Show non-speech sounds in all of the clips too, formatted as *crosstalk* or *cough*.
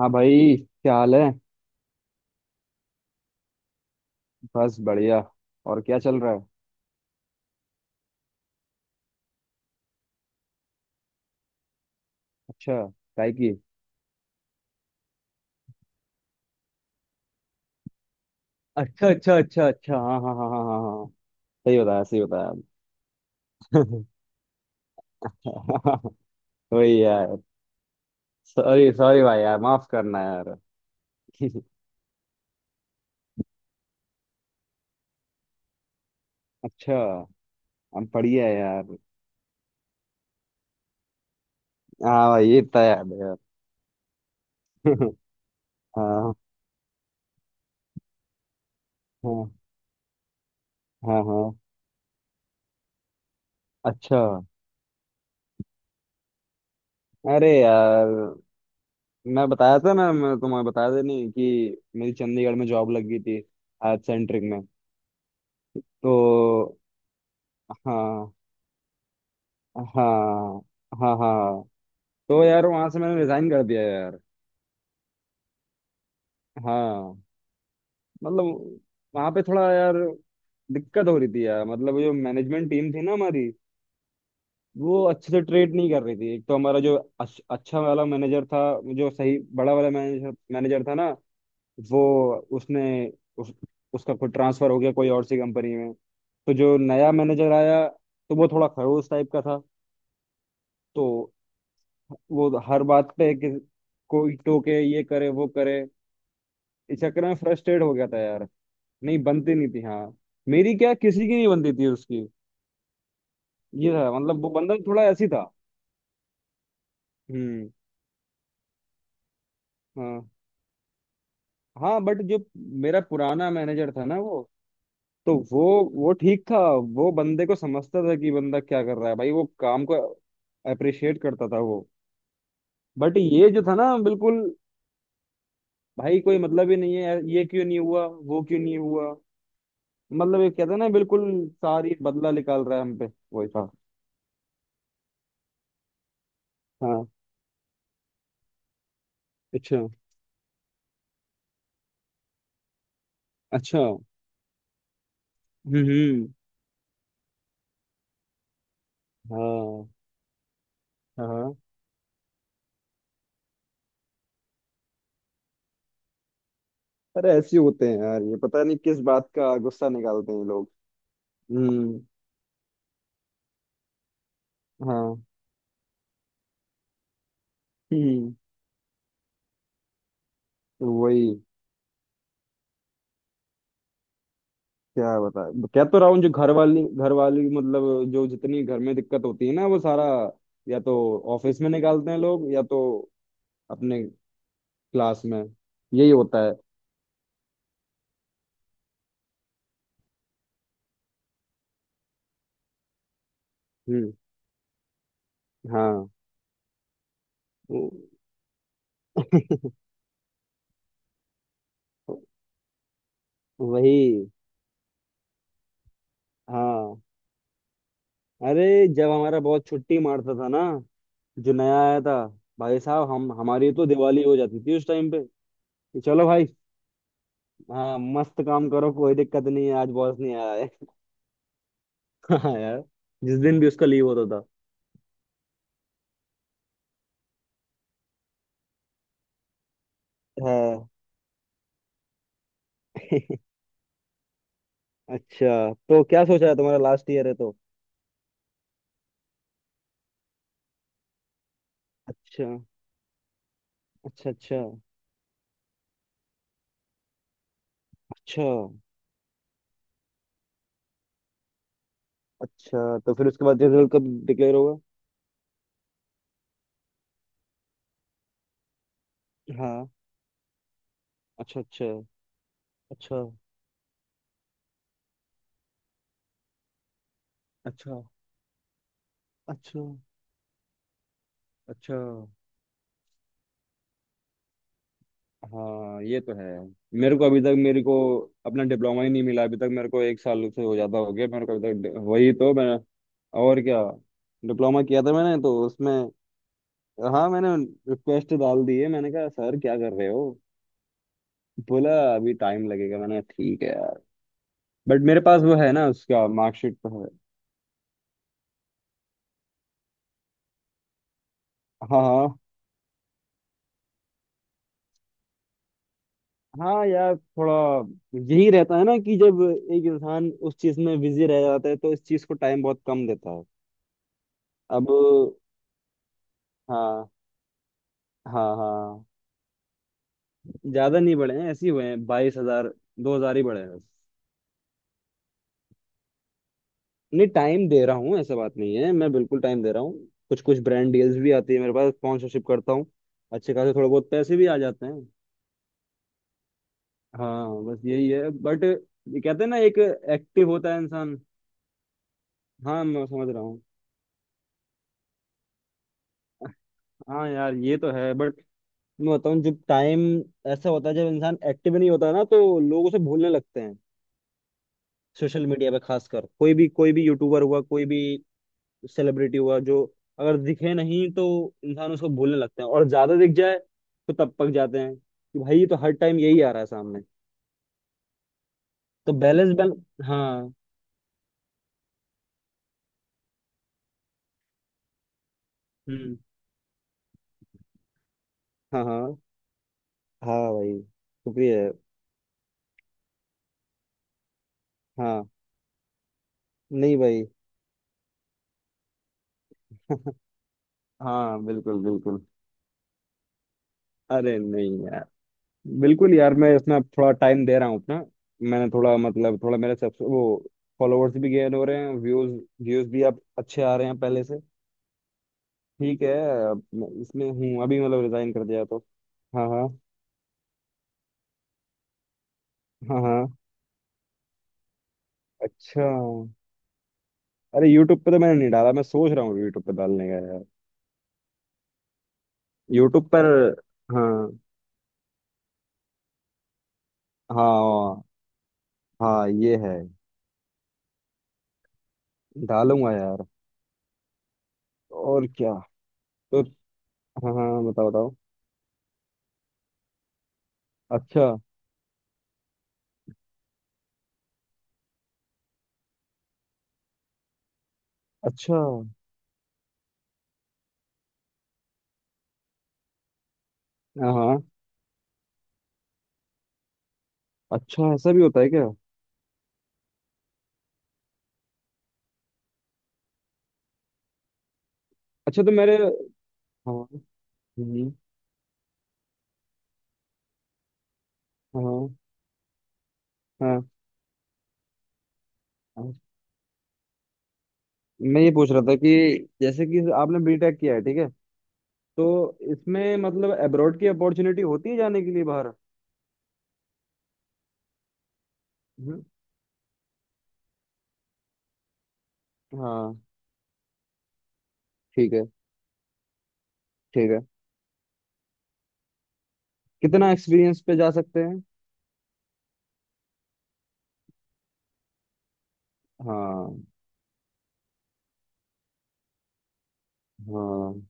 हाँ भाई। क्या हाल है। बस बढ़िया। और क्या चल रहा है। अच्छा। काय की। अच्छा अच्छा अच्छा अच्छा, हाँ हाँ हाँ हाँ हाँ हाँ। सही बताया, सही बताया। *laughs* वही यार। सॉरी सॉरी भाई, यार माफ करना यार। *laughs* अच्छा। हम बढ़िया है यार। हाँ भाई, ये तो याद है यार। *laughs* हाँ हाँ हाँ हाँ। अच्छा। अरे यार, मैं बताया था ना, मैं तुम्हें बताया था नहीं कि मेरी चंडीगढ़ में जॉब लग गई थी। एड सेंट्रिक में। तो हाँ हाँ हाँ हाँ। तो यार वहां से मैंने रिजाइन कर दिया यार। हाँ। मतलब वहां पे थोड़ा यार दिक्कत हो रही थी यार। मतलब जो मैनेजमेंट टीम थी ना हमारी, वो अच्छे से ट्रीट नहीं कर रही थी। एक तो हमारा जो अच्छा वाला मैनेजर था, जो सही बड़ा वाला मैनेजर मैनेजर था ना, वो उसने उस, उसका कोई ट्रांसफर हो गया कोई और सी कंपनी में। तो जो नया मैनेजर आया तो वो थोड़ा खड़ूस टाइप का था। तो वो हर बात पे कि कोई टोके, ये करे वो करे। इस चक्कर में फ्रस्ट्रेट हो गया था यार। नहीं बनती नहीं थी, हाँ। मेरी क्या, किसी की नहीं बनती थी उसकी। ये था, मतलब वो बंदा थोड़ा ऐसी था। हम्म। हाँ हाँ, बट जो मेरा पुराना मैनेजर था ना वो, तो वो ठीक था। वो बंदे को समझता था कि बंदा क्या कर रहा है भाई। वो काम को अप्रिशिएट करता था वो। बट ये जो था ना, बिल्कुल भाई कोई मतलब ही नहीं है। ये क्यों नहीं हुआ, वो क्यों नहीं हुआ। मतलब ये कहते हैं ना, बिल्कुल सारी बदला निकाल रहा है हम पे। वही था। हाँ। अच्छा। अच्छा। हम्म। हम्म, हाँ हाँ। अरे ऐसे ही होते हैं यार। ये पता नहीं किस बात का गुस्सा निकालते हैं ये लोग। हम्म। हाँ। हम्म। तो वही क्या बता, कह तो रहा हूँ जो घर वाली मतलब जो जितनी घर में दिक्कत होती है ना, वो सारा या तो ऑफिस में निकालते हैं लोग, या तो अपने क्लास में। यही होता है। हम्म। हाँ। *laughs* वो-। वही। हाँ। अरे जब हमारा बहुत छुट्टी मारता था ना, जो नया आया था, भाई साहब हम हमारी तो दिवाली हो जाती थी उस टाइम पे। कि चलो भाई, हाँ मस्त काम करो, कोई दिक्कत नहीं है आज बॉस नहीं आया है। *laughs* हाँ यार, जिस दिन भी उसका लीव होता था। हाँ। *laughs* अच्छा तो क्या सोचा है, तुम्हारा लास्ट ईयर है तो। अच्छा अच्छा। अच्छा अच्छा। अच्छा तो फिर उसके बाद रिजल्ट कब डिक्लेयर होगा। हाँ। अच्छा अच्छा। अच्छा। अच्छा। अच्छा। अच्छा। हाँ ये तो है। मेरे को अपना डिप्लोमा ही नहीं मिला अभी तक। मेरे को एक साल से हो, ज्यादा हो गया मेरे को अभी तक। वही तो मैं और क्या, डिप्लोमा किया था मैंने तो उसमें। हाँ मैंने रिक्वेस्ट डाल दी है, मैंने कहा सर क्या कर रहे हो। बोला अभी टाइम लगेगा। मैंने कहा, ठीक है यार। बट मेरे पास वो है ना, उसका मार्कशीट तो है। हाँ हाँ। हाँ यार थोड़ा यही रहता है ना कि जब एक इंसान उस चीज में बिजी रह जाता है तो इस चीज को टाइम बहुत कम देता है। अब हाँ हाँ। हाँ ज्यादा नहीं बढ़े हैं, ऐसे ही हुए हैं 22 हज़ार। 2 हज़ार ही बढ़े हैं बस। नहीं, टाइम दे रहा हूँ, ऐसा बात नहीं है। मैं बिल्कुल टाइम दे रहा हूँ। कुछ कुछ ब्रांड डील्स भी आती है मेरे पास। स्पॉन्सरशिप करता हूँ। अच्छे खासे थोड़े बहुत पैसे भी आ जाते हैं। हाँ बस यही है। बट ये कहते हैं ना, एक एक्टिव होता है इंसान। हाँ मैं समझ रहा हूँ। हाँ यार ये तो है। बट मैं बताऊँ जब टाइम, ऐसा होता है जब इंसान एक्टिव नहीं होता ना, तो लोग उसे भूलने लगते हैं। सोशल मीडिया पे खासकर, कोई भी यूट्यूबर हुआ, कोई भी सेलिब्रिटी हुआ, जो अगर दिखे नहीं तो इंसान उसको भूलने लगते हैं। और ज्यादा दिख जाए तो तब पक जाते हैं कि भाई ये तो हर टाइम यही आ रहा है सामने। तो बैलेंस बैल, हाँ। हम्म। हाँ हाँ। हाँ भाई शुक्रिया। हाँ। नहीं भाई। हाँ, बिल्कुल बिल्कुल। अरे नहीं यार, बिल्कुल यार मैं इसमें अब थोड़ा टाइम दे रहा हूँ अपना। मैंने थोड़ा, मतलब थोड़ा मेरे सब वो फॉलोअर्स भी गेन हो रहे हैं। व्यूज, व्यूज भी अब अच्छे आ रहे हैं पहले से। ठीक है। अब मैं इसमें हूँ अभी, मतलब रिजाइन कर दिया तो। हाँ हाँ हाँ हाँ। अच्छा अरे, यूट्यूब पे तो मैंने नहीं डाला। मैं सोच रहा हूँ यूट्यूब पे डालने का यार। यूट्यूब पर हाँ। हाँ हाँ ये है। डालूंगा यार, और क्या। तो हाँ हाँ, बताओ बताओ। अच्छा अच्छा। हाँ हाँ। अच्छा ऐसा भी होता है क्या। अच्छा तो मेरे, हाँ। हम्म, हाँ हाँ। हाँ। मैं ये पूछ रहा था कि जैसे कि आपने बीटेक किया है ठीक है, तो इसमें मतलब अब्रॉड की अपॉर्चुनिटी होती है जाने के लिए बाहर। हम्म, हाँ। ठीक है। ठीक है। कितना एक्सपीरियंस पे जा सकते हैं। हाँ हाँ।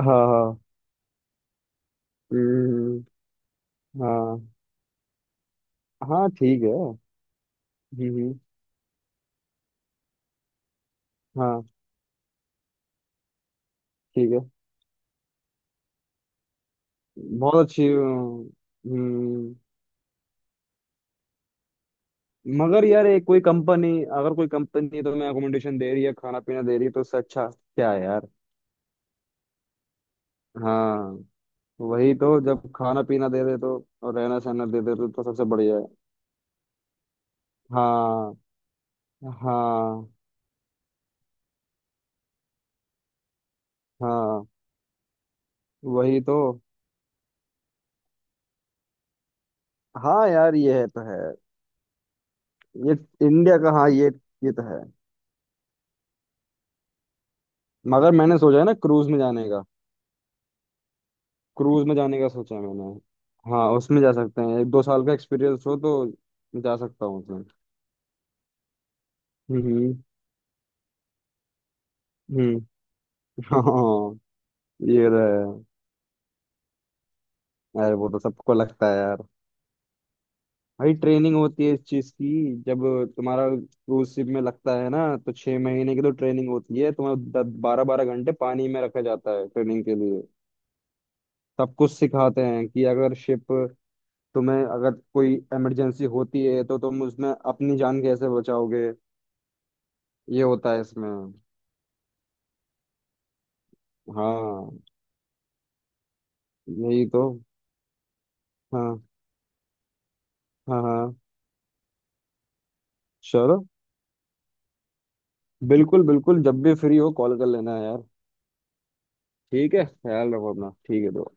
हाँ हाँ। हम्म, हाँ। हाँ ठीक है। हम्म। हम्म, हाँ। ठीक है। बहुत अच्छी। हम्म। मगर यार एक कोई कंपनी, अगर कोई कंपनी तो मैं अकोमोडेशन दे रही है, खाना पीना दे रही है, तो उससे अच्छा क्या है यार। हाँ वही तो। जब खाना पीना दे दे तो और रहना सहना दे दे तो सबसे बढ़िया है। हाँ। हाँ। हाँ वही तो। हाँ यार ये है तो है। ये इंडिया का, हाँ ये तो है। मगर मैंने सोचा है ना क्रूज में जाने का। क्रूज में जाने का सोचा है मैंने। हाँ उसमें जा सकते हैं, 1-2 साल का एक्सपीरियंस हो तो। जा सकता हूँ उसमें। हम्म। हम्म। *laughs* हाँ ये तो है। अरे वो तो सबको लगता है यार। भाई ट्रेनिंग होती है इस चीज की। जब तुम्हारा क्रूज शिप में लगता है ना, तो 6 महीने की तो ट्रेनिंग होती है। तुम्हें 12-12 घंटे पानी में रखा जाता है ट्रेनिंग के लिए। सब कुछ सिखाते हैं कि अगर शिप, तुम्हें अगर कोई इमरजेंसी होती है तो तुम उसमें अपनी जान कैसे बचाओगे। ये होता है इसमें। हाँ। यही तो। हाँ हाँ। हाँ चलो, बिल्कुल बिल्कुल जब भी फ्री हो कॉल कर लेना यार। ठीक है, ख्याल रखो अपना। ठीक है दोस्त।